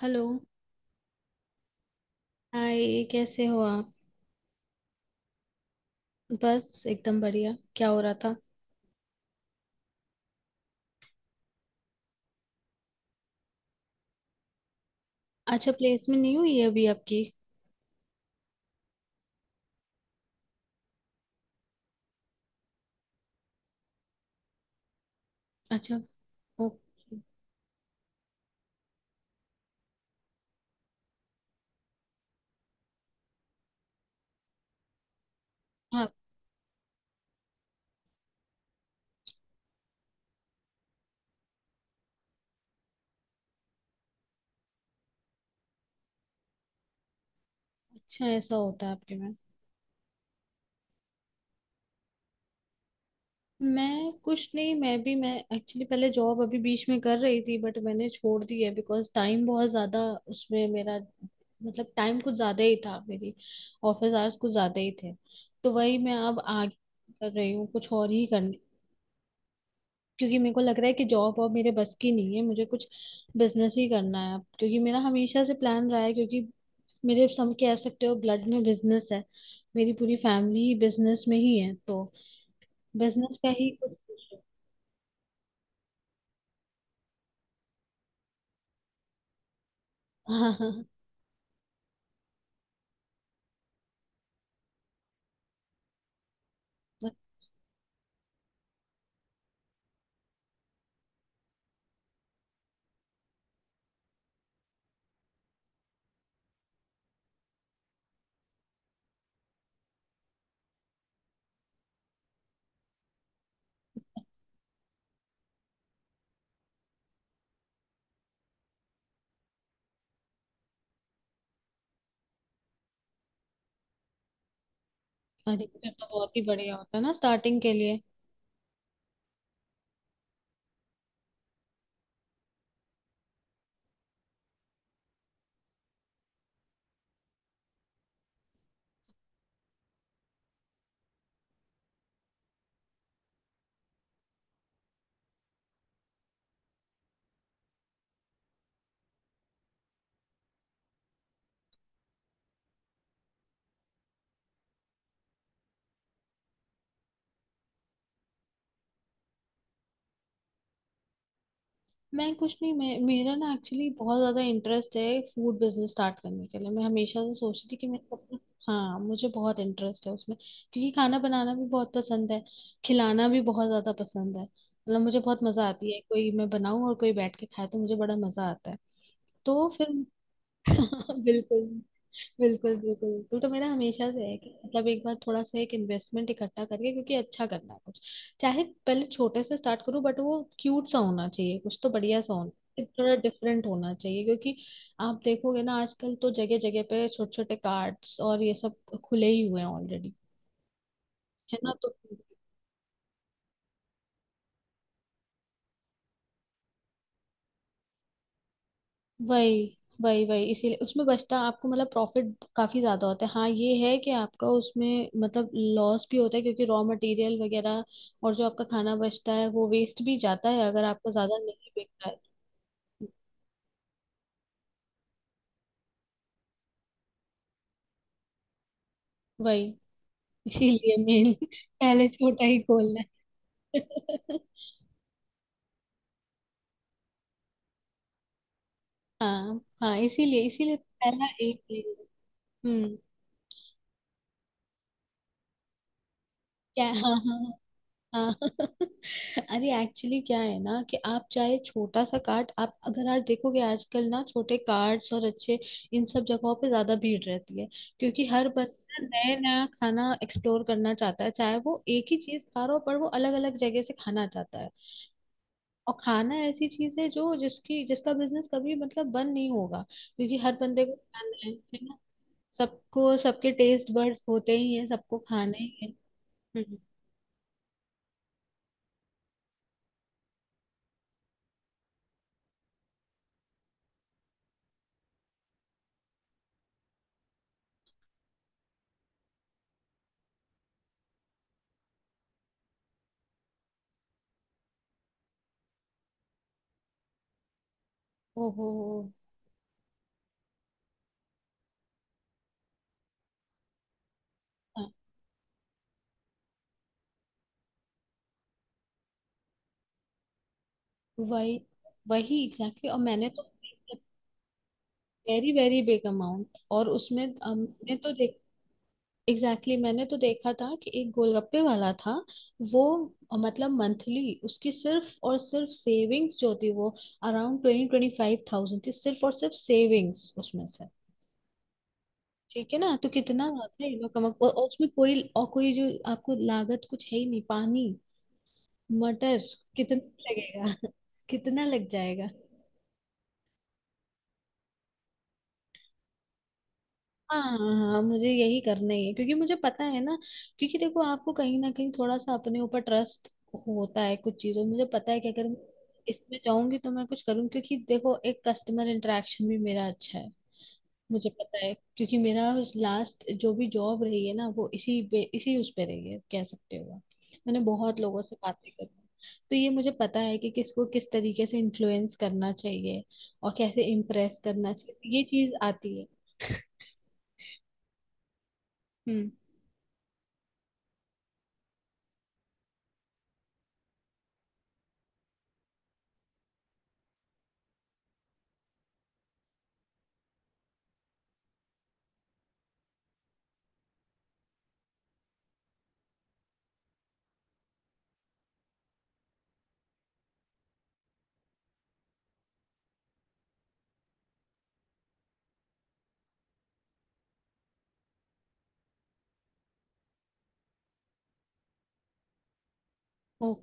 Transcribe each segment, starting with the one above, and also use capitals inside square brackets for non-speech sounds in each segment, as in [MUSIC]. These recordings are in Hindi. हेलो। हाय, कैसे हो आप? बस एकदम बढ़िया, क्या हो रहा था? अच्छा, प्लेसमेंट नहीं हुई है अभी आपकी? अच्छा। ओके। हाँ, अच्छा ऐसा होता है आपके में? मैं कुछ नहीं, मैं एक्चुअली पहले जॉब अभी बीच में कर रही थी बट मैंने छोड़ दी है बिकॉज टाइम बहुत ज़्यादा उसमें मेरा टाइम कुछ ज़्यादा ही था मेरी। ऑफिस आवर्स कुछ ज़्यादा ही थे, तो वही मैं अब आगे कर रही हूँ कुछ और ही करने। क्योंकि मेरे को लग रहा है कि जॉब और मेरे बस की नहीं है, मुझे कुछ बिजनेस ही करना है अब। क्योंकि मेरा हमेशा से प्लान रहा है, क्योंकि मेरे, सब कह सकते हो, ब्लड में बिजनेस है। मेरी पूरी फैमिली बिजनेस में ही है, तो बिजनेस का ही कुछ। हाँ, हाँ, हाँ। [LAUGHS] अरे फिर तो बहुत ही बढ़िया होता है ना स्टार्टिंग के लिए। मैं कुछ नहीं, मैं मेरा ना एक्चुअली बहुत ज्यादा इंटरेस्ट है फूड बिजनेस स्टार्ट करने के लिए। मैं हमेशा से सोचती थी कि मैं अपना, हाँ मुझे बहुत इंटरेस्ट है उसमें क्योंकि खाना बनाना भी बहुत पसंद है। खिलाना भी बहुत ज्यादा पसंद है, मतलब मुझे बहुत मजा आती है, कोई मैं बनाऊं और कोई बैठ के खाए तो मुझे बड़ा मजा आता है। तो फिर, [LAUGHS] बिल्कुल, बिल्कुल, बिल्कुल, बिल्कुल तो मेरा हमेशा से है कि मतलब एक बार थोड़ा सा एक इन्वेस्टमेंट इकट्ठा करके, क्योंकि अच्छा करना है कुछ। चाहे पहले छोटे से स्टार्ट करूं, बट वो क्यूट सा होना चाहिए कुछ, तो बढ़िया सा होना, थोड़ा डिफरेंट होना चाहिए। क्योंकि आप देखोगे ना, आजकल तो जगह जगह पे छोटे छोटे कार्ड्स और ये सब खुले ही हुए हैं ऑलरेडी। है ना? तो वही, वही, वही, इसीलिए उसमें बचता आपको, मतलब प्रॉफिट काफी ज्यादा होता है। हाँ ये है कि आपका उसमें मतलब लॉस भी होता है क्योंकि रॉ मटेरियल वगैरह, और जो आपका खाना बचता है वो वेस्ट भी जाता है अगर आपका ज्यादा नहीं बिक रहा है। वही, इसीलिए मेन [LAUGHS] पहले छोटा ही खोलना है। [LAUGHS] हाँ, हाँ, इसीलिए इसीलिए पहला एक ही- हम्म। क्या? हाँ, हाँ, हाँ। हाँ। [LAUGHS] अरे एक्चुअली क्या है ना कि आप चाहे छोटा सा कार्ट, आप अगर आज देखोगे आजकल ना, छोटे कार्ट्स और अच्छे इन सब जगहों पे ज्यादा भीड़ रहती है। क्योंकि हर बच्चा नया नया खाना एक्सप्लोर करना चाहता है, चाहे वो एक ही चीज खा रहा हो पर वो अलग अलग जगह से खाना चाहता है। और खाना ऐसी चीज है जो, जिसकी जिसका बिजनेस कभी मतलब बंद नहीं होगा, क्योंकि हर बंदे को खाना है। है ना? सबको, सबके टेस्ट बड्स होते ही हैं, सबको खाने ही हैं। हम्म। ओहो। हाँ। वही, वही, एग्जैक्टली exactly, और मैंने तो, वेरी वेरी बिग अमाउंट। और उसमें मैंने तो देख, एग्जैक्टली exactly, मैंने तो देखा था कि एक गोलगप्पे वाला था, वो मतलब मंथली उसकी सिर्फ और सिर्फ सेविंग्स जो थी वो अराउंड 25,000 थी, सिर्फ और सिर्फ सेविंग्स उसमें से। ठीक है ना? तो कितना आता है ये लोग कमा, और उसमें कोई और, कोई जो आपको लागत कुछ है ही नहीं, पानी मटर कितना लगेगा, [LAUGHS] कितना लग जाएगा? हाँ, हाँ मुझे यही करना ही है, क्योंकि मुझे पता है ना, क्योंकि देखो, आपको कहीं ना कहीं थोड़ा सा अपने ऊपर ट्रस्ट होता है कुछ चीजों में। मुझे पता है कि अगर मैं इसमें जाऊंगी तो मैं कुछ करूँ, क्योंकि देखो एक कस्टमर इंटरेक्शन भी मेरा अच्छा है। मुझे पता है क्योंकि मेरा लास्ट जो भी जॉब रही है ना वो इसी पे, इसी उस पे रही है, कह सकते हो आप। मैंने बहुत लोगों से बातें करी हैं। तो ये मुझे पता है कि किसको किस तरीके से इन्फ्लुएंस करना चाहिए और कैसे इम्प्रेस करना चाहिए, ये चीज आती है। हम्म।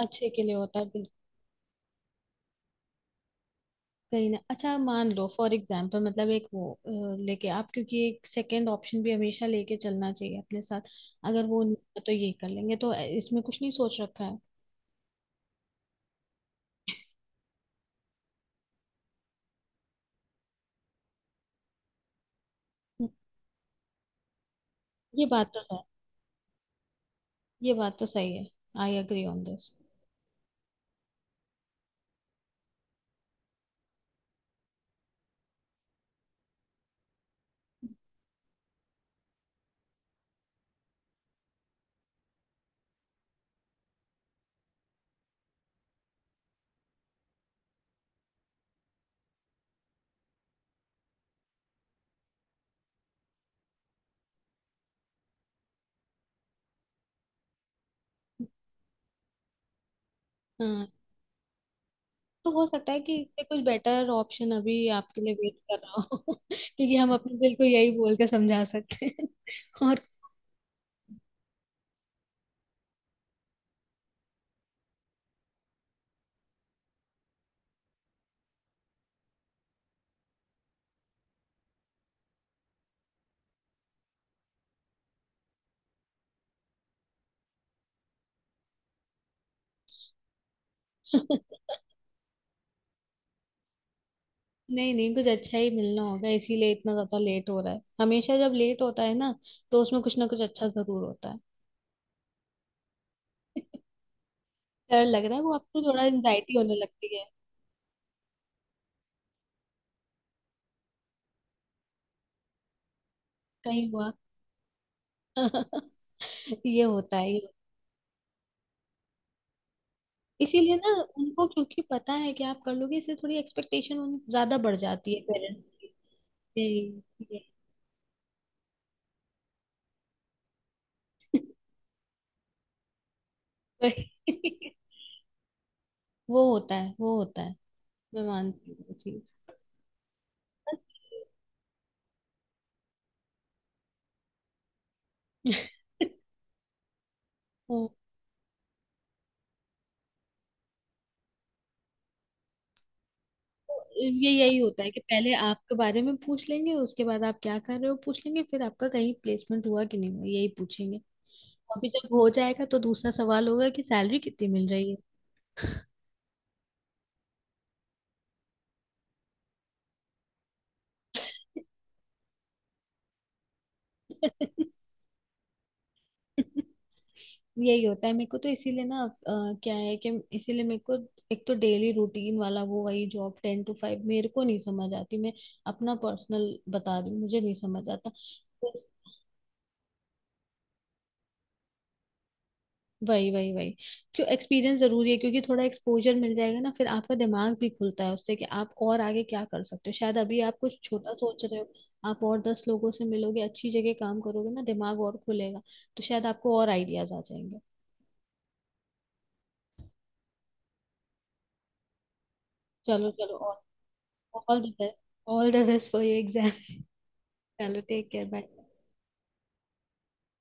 अच्छे के लिए होता है बिल्कुल। कहीं ना, अच्छा मान लो फॉर एग्जाम्पल, मतलब एक वो लेके आप, क्योंकि एक सेकेंड ऑप्शन भी हमेशा लेके चलना चाहिए अपने साथ, अगर वो नहीं हुआ तो ये कर लेंगे, तो इसमें कुछ नहीं सोच रखा है? हम्म, ये बात तो है। ये बात तो सही है, आई एग्री ऑन दिस। हाँ, तो हो सकता है कि इससे कुछ बेटर ऑप्शन अभी आपके लिए वेट कर रहा हो, [LAUGHS] क्योंकि हम अपने दिल को यही बोल के समझा सकते हैं। [LAUGHS] और, नहीं नहीं, कुछ अच्छा ही मिलना होगा इसीलिए इतना ज्यादा लेट हो रहा है। हमेशा जब लेट होता है ना, तो उसमें कुछ ना कुछ अच्छा जरूर होता है। डर लग रहा है? वो आपको थोड़ा एंजाइटी होने लगती है। कहीं हुआ, [LAUGHS] ये होता है, ये होता है। इसीलिए ना, उनको क्योंकि पता है कि आप कर लोगे, इससे थोड़ी एक्सपेक्टेशन उन ज्यादा बढ़ जाती है पेरेंट्स की। यही। [LAUGHS] वही। वो होता है, वो होता है, मैं मानती हूँ वो चीज। [LAUGHS] ये, यही होता है कि पहले आपके बारे में पूछ लेंगे, उसके बाद आप क्या कर रहे हो पूछ लेंगे, फिर आपका कहीं प्लेसमेंट हुआ कि नहीं हुआ यही पूछेंगे। अभी जब हो जाएगा तो दूसरा सवाल होगा कि सैलरी कितनी मिल रही है। [LAUGHS] यही होता है मेरे को, तो इसीलिए ना क्या है कि, इसीलिए मेरे को एक तो डेली रूटीन वाला वो वही जॉब 10 to 5 मेरे को नहीं समझ आती। मैं अपना पर्सनल बता रही हूँ, मुझे नहीं समझ आता। वही, वही, वही, क्यों एक्सपीरियंस जरूरी है, क्योंकि थोड़ा एक्सपोजर मिल जाएगा ना, फिर आपका दिमाग भी खुलता है उससे कि आप और आगे क्या कर सकते हो। शायद अभी आप कुछ छोटा सोच रहे हो, आप और 10 लोगों से मिलोगे, अच्छी जगह काम करोगे ना, दिमाग और खुलेगा, तो शायद आपको और आइडियाज आ जाएंगे। चलो, चलो और all the best, all the best for your exam. [LAUGHS] चलो, टेक केयर, बाय।